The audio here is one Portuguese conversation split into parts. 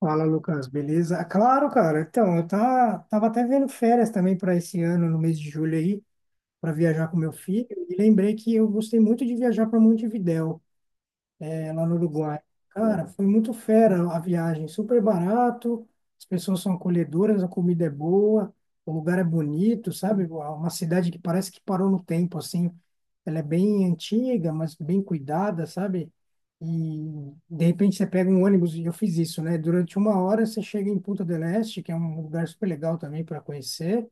Fala, Lucas, beleza? Ah, claro, cara. Então, tava até vendo férias também para esse ano, no mês de julho aí, para viajar com meu filho, e lembrei que eu gostei muito de viajar para Montevidéu, é, lá no Uruguai. Cara, foi muito fera a viagem, super barato, as pessoas são acolhedoras, a comida é boa, o lugar é bonito, sabe? Uma cidade que parece que parou no tempo, assim. Ela é bem antiga, mas bem cuidada, sabe? E de repente você pega um ônibus, e eu fiz isso, né? Durante uma hora você chega em Punta del Este, que é um lugar super legal também para conhecer.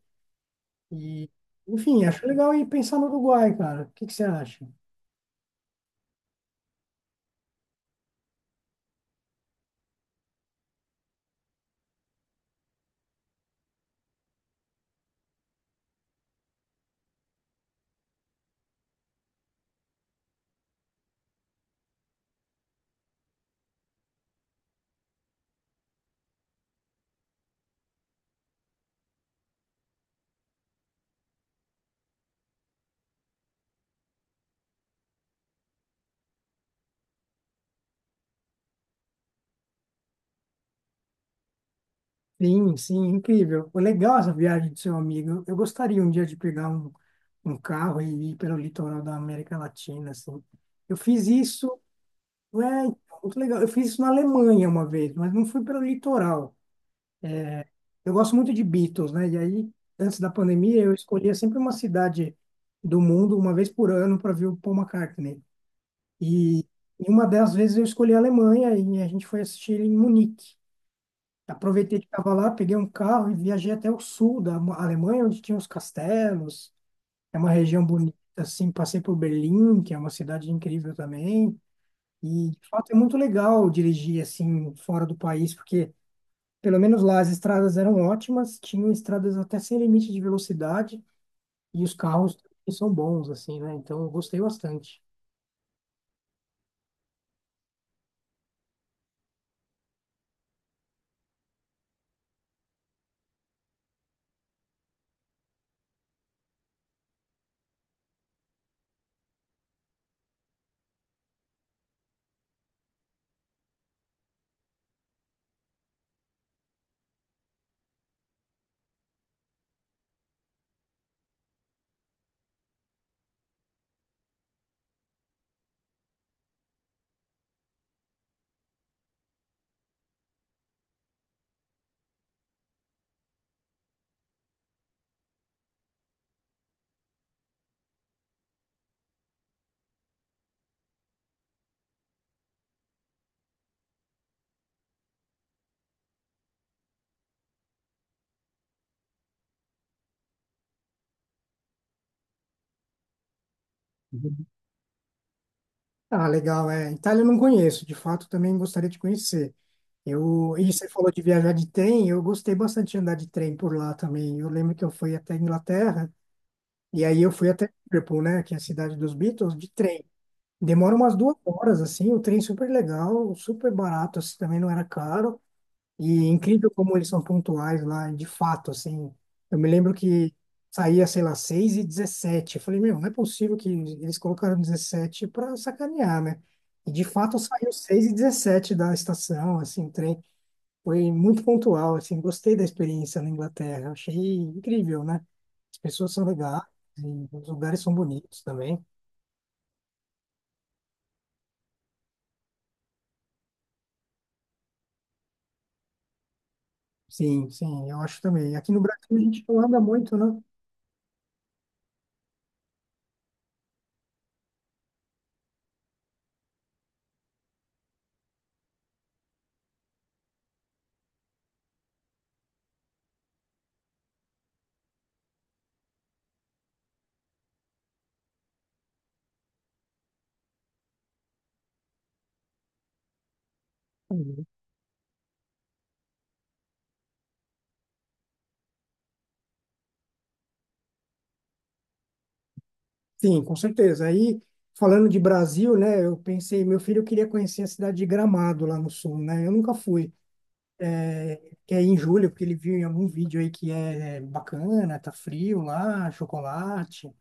E, enfim, acho legal ir pensar no Uruguai, cara. O que que você acha? Sim, sim, incrível. Foi legal essa viagem do seu amigo. Eu gostaria um dia de pegar um, um carro e ir pelo litoral da América Latina, assim. Eu fiz isso, é, então, muito legal. Eu fiz isso na Alemanha uma vez, mas não fui pelo litoral. Eu gosto muito de Beatles, né? E aí, antes da pandemia, eu escolhia sempre uma cidade do mundo, uma vez por ano, para ver o Paul McCartney. E, uma das vezes eu escolhi a Alemanha e a gente foi assistir em Munique. Aproveitei que estava lá, peguei um carro e viajei até o sul da Alemanha, onde tinha os castelos. É uma região bonita, assim. Passei por Berlim, que é uma cidade incrível também. E, de fato, é muito legal dirigir, assim, fora do país, porque, pelo menos lá, as estradas eram ótimas, tinham estradas até sem limite de velocidade, e os carros são bons, assim, né? Então, eu gostei bastante. Ah, legal, é. Itália eu não conheço, de fato, também gostaria de conhecer. Eu, e você falou de viajar de trem, eu gostei bastante de andar de trem por lá também. Eu lembro que eu fui até a Inglaterra, e aí eu fui até Liverpool, né, que é a cidade dos Beatles, de trem. Demora umas 2 horas, assim, o trem super legal, super barato, assim, também não era caro. E é incrível como eles são pontuais lá, de fato, assim. Eu me lembro que saía, sei lá, 6 e 17. Eu falei, meu, não é possível que eles colocaram 17 para sacanear, né? E de fato saiu 6 e 17 da estação, assim, o trem foi muito pontual, assim, gostei da experiência na Inglaterra, achei incrível, né? As pessoas são legais, e os lugares são bonitos também. Sim, sim, eu acho também. Aqui no Brasil a gente não anda muito, né? Uhum. Sim, com certeza. Aí, falando de Brasil, né, eu pensei, meu filho queria conhecer a cidade de Gramado lá no sul, né? Eu nunca fui. É, que é em julho, porque ele viu em algum vídeo aí que é bacana, tá frio lá, chocolate.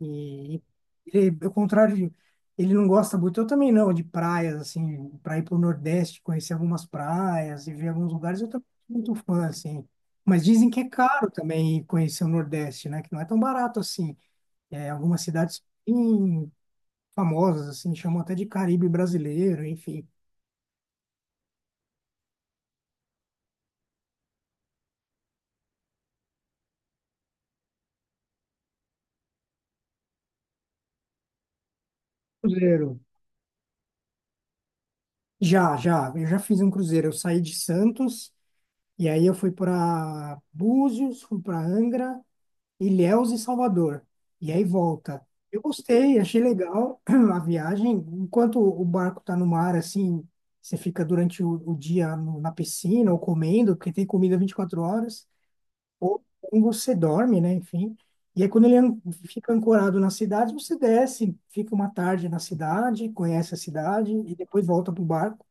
E ele, ao contrário, ele não gosta muito, eu também não, de praias, assim, para ir para o Nordeste, conhecer algumas praias e ver alguns lugares, eu também sou muito fã, assim. Mas dizem que é caro também ir conhecer o Nordeste, né? Que não é tão barato assim. É, algumas cidades bem famosas, assim, chamam até de Caribe brasileiro, enfim. Cruzeiro. Já, já, eu já fiz um cruzeiro. Eu saí de Santos e aí eu fui para Búzios, fui para Angra. Ilhéus e Salvador. E aí volta. Eu gostei, achei legal a viagem. Enquanto o barco tá no mar, assim, você fica durante o dia na piscina ou comendo, porque tem comida 24 horas. Ou você dorme, né? Enfim. E aí, quando fica ancorado na cidade, você desce, fica uma tarde na cidade, conhece a cidade e depois volta pro barco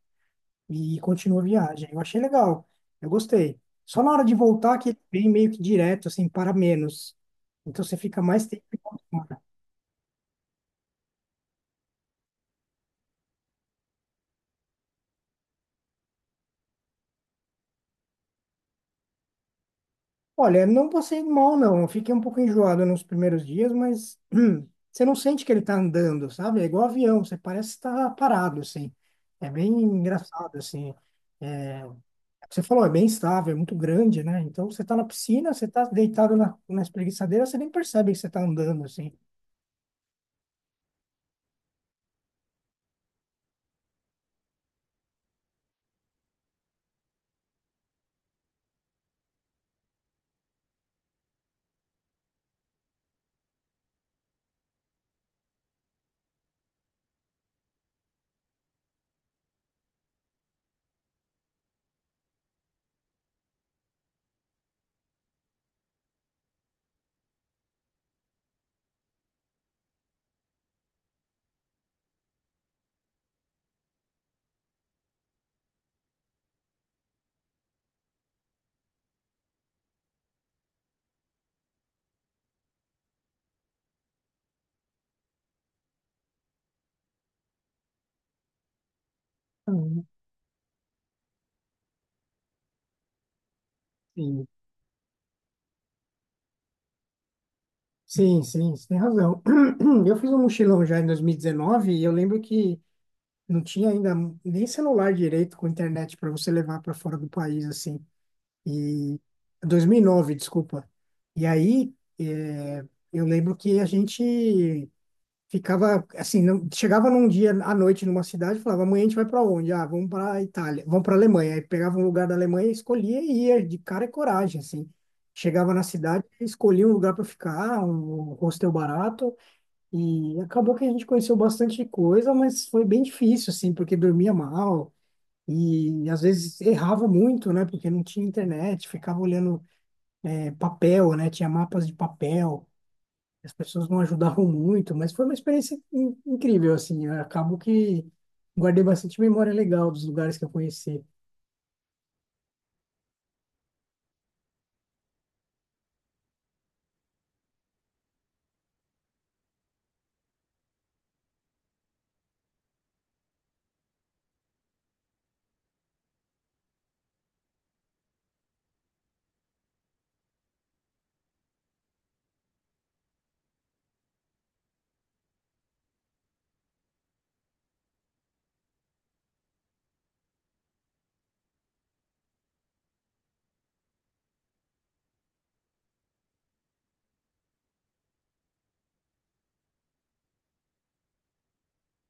e continua a viagem. Eu achei legal, eu gostei. Só na hora de voltar que ele vem meio que direto, assim, para menos. Então você fica mais tempo em volta. Olha, não passei mal, não. Eu fiquei um pouco enjoado nos primeiros dias, mas você não sente que ele tá andando, sabe? É igual avião, você parece estar parado, assim. É bem engraçado, assim. É, você falou, é bem estável, é muito grande, né? Então você tá na piscina, você tá deitado na espreguiçadeira, você nem percebe que você tá andando, assim. Uhum. Sim, sim, você tem razão. Eu fiz um mochilão já em 2019 e eu lembro que não tinha ainda nem celular direito com internet para você levar para fora do país, assim. E 2009, desculpa. E aí, eu lembro que a gente ficava assim, não, chegava num dia à noite numa cidade, e falava, amanhã a gente vai para onde? Ah, vamos para Itália, vamos para Alemanha. Aí pegava um lugar da Alemanha, escolhia e ia de cara e coragem, assim. Chegava na cidade, escolhia um lugar para ficar, um hostel barato, e acabou que a gente conheceu bastante coisa, mas foi bem difícil, assim, porque dormia mal e às vezes errava muito, né? Porque não tinha internet, ficava olhando papel, né? Tinha mapas de papel. As pessoas não ajudavam muito, mas foi uma experiência incrível, assim. Eu acabo que guardei bastante memória legal dos lugares que eu conheci.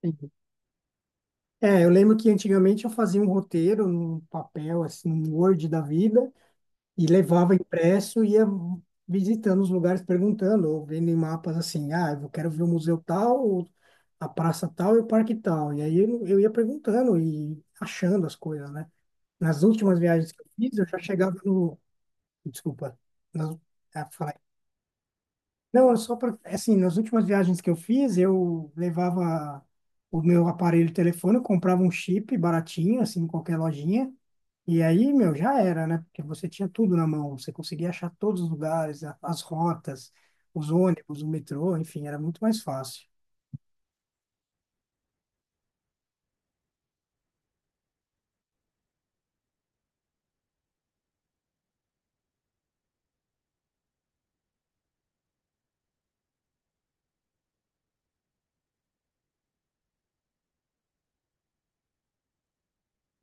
Uhum. É, eu lembro que antigamente eu fazia um roteiro num papel, assim, um Word da vida, e levava impresso e ia visitando os lugares, perguntando, ou vendo em mapas assim, ah, eu quero ver o museu tal, ou a praça tal e o parque tal. E aí eu ia perguntando e achando as coisas, né? Nas últimas viagens que eu fiz, eu já chegava no, desculpa. Nas- falei. Não, é só para. Assim, nas últimas viagens que eu fiz, eu levava o meu aparelho de telefone, eu comprava um chip baratinho, assim, em qualquer lojinha. E aí, meu, já era, né? Porque você tinha tudo na mão, você conseguia achar todos os lugares, as rotas, os ônibus, o metrô, enfim, era muito mais fácil.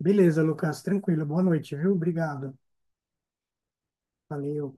Beleza, Lucas, tranquilo. Boa noite, viu? Obrigado. Valeu.